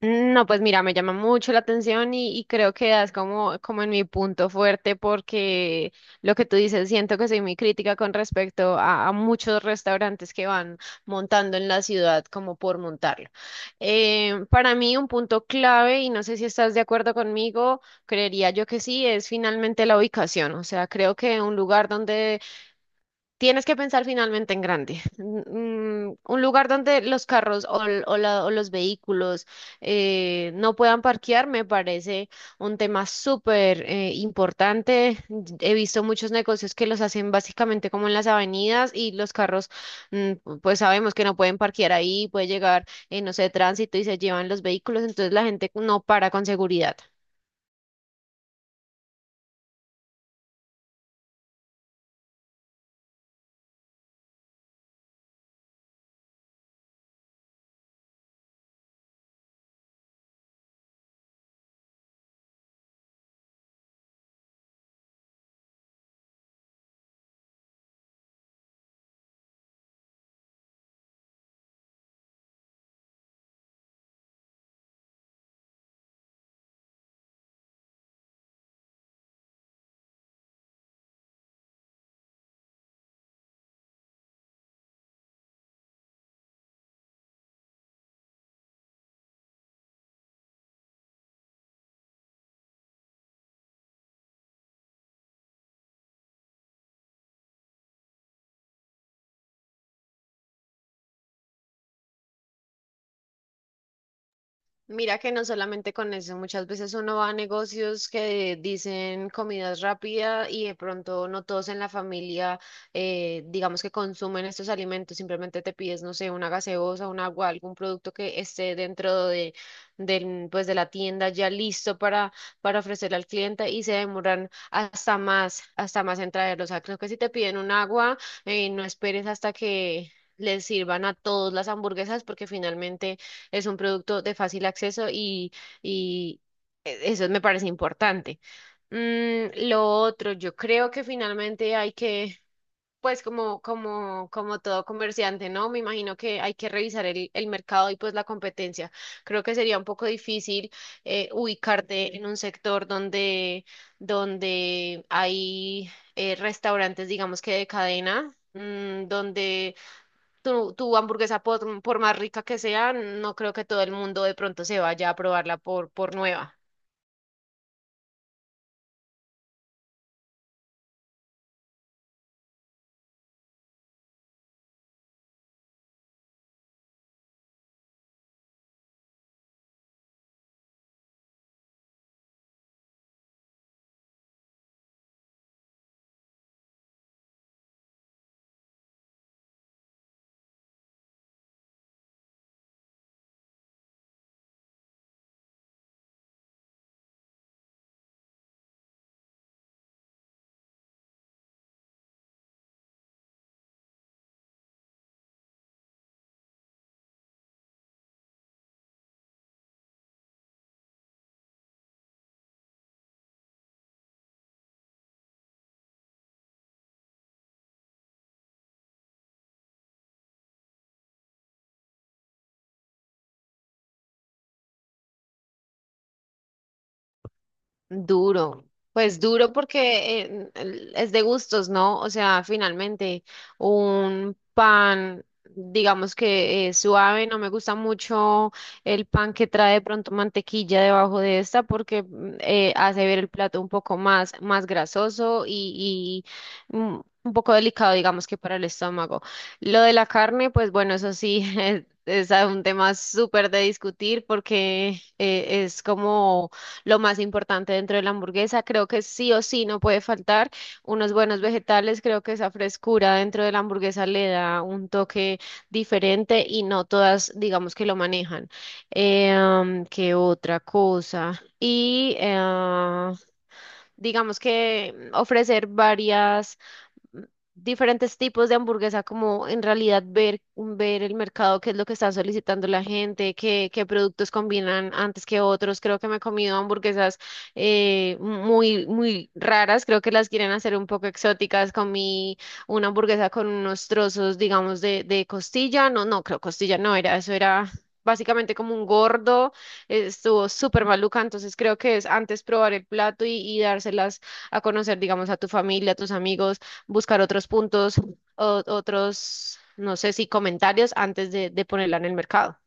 No, pues mira, me llama mucho la atención y creo que das como, como en mi punto fuerte porque lo que tú dices, siento que soy muy crítica con respecto a muchos restaurantes que van montando en la ciudad como por montarlo. Para mí un punto clave, y no sé si estás de acuerdo conmigo, creería yo que sí, es finalmente la ubicación. O sea, creo que un lugar donde tienes que pensar finalmente en grande. Un lugar donde los carros o, l- o la- o los vehículos no puedan parquear me parece un tema súper importante. He visto muchos negocios que los hacen básicamente como en las avenidas y los carros, pues sabemos que no pueden parquear ahí, puede llegar, no sé, tránsito y se llevan los vehículos, entonces la gente no para con seguridad. Mira que no solamente con eso, muchas veces uno va a negocios que dicen comidas rápidas y de pronto no todos en la familia, digamos que consumen estos alimentos, simplemente te pides, no sé, una gaseosa, un agua, algún producto que esté dentro de pues de la tienda ya listo para ofrecerle al cliente y se demoran hasta más en traerlos. O sea, creo que si te piden un agua, no esperes hasta que les sirvan a todos las hamburguesas porque finalmente es un producto de fácil acceso y eso me parece importante. Lo otro, yo creo que finalmente hay que, pues como todo comerciante, ¿no? Me imagino que hay que revisar el mercado y pues la competencia. Creo que sería un poco difícil ubicarte en un sector donde hay restaurantes, digamos que de cadena. Donde tu hamburguesa, por más rica que sea, no creo que todo el mundo de pronto se vaya a probarla por nueva. Duro, pues duro porque es de gustos, ¿no? O sea, finalmente un pan, digamos que es suave, no me gusta mucho el pan que trae de pronto mantequilla debajo de esta porque hace ver el plato un poco más, más grasoso y, un poco delicado, digamos que para el estómago. Lo de la carne, pues bueno, eso sí, es un tema súper de discutir porque es como lo más importante dentro de la hamburguesa. Creo que sí o sí no puede faltar unos buenos vegetales. Creo que esa frescura dentro de la hamburguesa le da un toque diferente y no todas, digamos que lo manejan. ¿Qué otra cosa? Digamos que ofrecer varias diferentes tipos de hamburguesa, como en realidad ver, ver el mercado, qué es lo que está solicitando la gente, qué, qué productos combinan antes que otros. Creo que me he comido hamburguesas muy, muy raras, creo que las quieren hacer un poco exóticas. Comí una hamburguesa con unos trozos, digamos, de costilla. No, no, creo costilla no era, eso era... Básicamente como un gordo, estuvo súper maluca, entonces creo que es antes probar el plato y dárselas a conocer, digamos, a tu familia, a tus amigos, buscar otros puntos, otros, no sé si comentarios antes de ponerla en el mercado.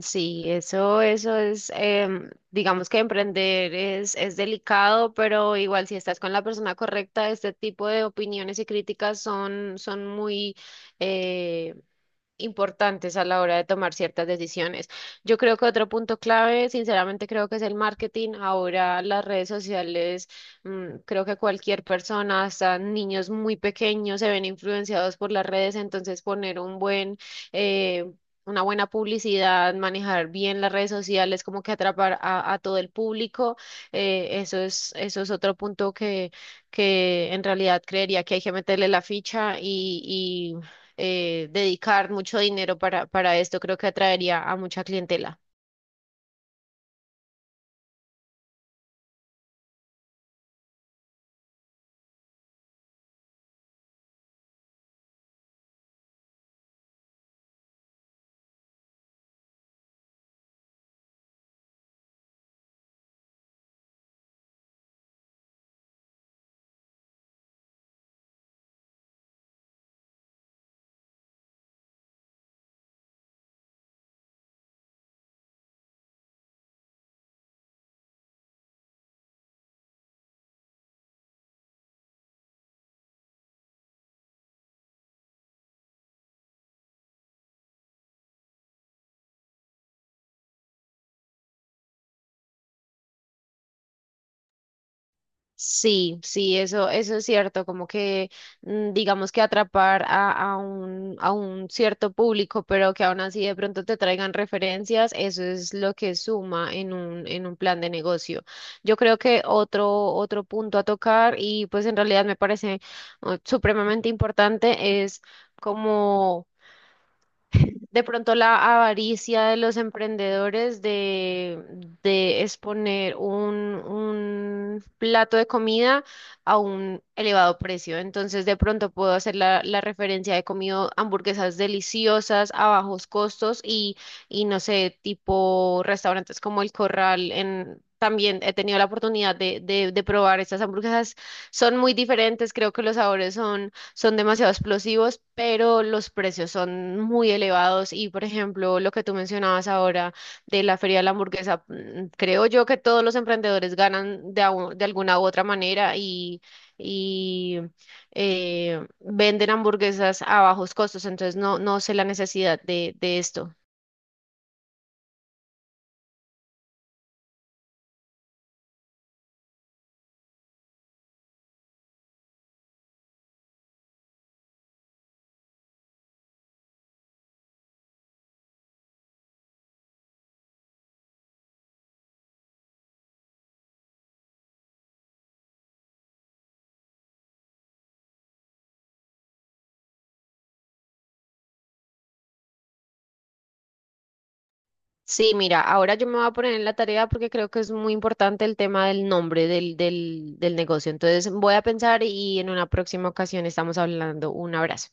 Sí, eso es, digamos que emprender es delicado, pero igual si estás con la persona correcta, este tipo de opiniones y críticas son, son muy, eh, importantes a la hora de tomar ciertas decisiones. Yo creo que otro punto clave, sinceramente creo que es el marketing. Ahora las redes sociales, creo que cualquier persona, hasta niños muy pequeños, se ven influenciados por las redes, entonces poner un buen eh, una buena publicidad, manejar bien las redes sociales, como que atrapar a todo el público. Eso es, eso es otro punto que en realidad creería que hay que meterle la ficha y, dedicar mucho dinero para esto, creo que atraería a mucha clientela. Sí, sí, eso es cierto, como que digamos que atrapar a un cierto público, pero que aún así de pronto te traigan referencias, eso es lo que suma en un plan de negocio. Yo creo que otro, otro punto a tocar, y pues en realidad me parece supremamente importante, es como de pronto la avaricia de los emprendedores de exponer un plato de comida a un elevado precio. Entonces, de pronto puedo hacer la, la referencia, he comido hamburguesas deliciosas a bajos costos y no sé, tipo restaurantes como El Corral en... También he tenido la oportunidad de probar estas hamburguesas. Son muy diferentes, creo que los sabores son demasiado explosivos, pero los precios son muy elevados y, por ejemplo, lo que tú mencionabas ahora de la feria de la hamburguesa, creo yo que todos los emprendedores ganan de alguna u otra manera y venden hamburguesas a bajos costos, entonces no, no sé la necesidad de esto. Sí, mira, ahora yo me voy a poner en la tarea porque creo que es muy importante el tema del nombre del negocio. Entonces voy a pensar y en una próxima ocasión estamos hablando. Un abrazo.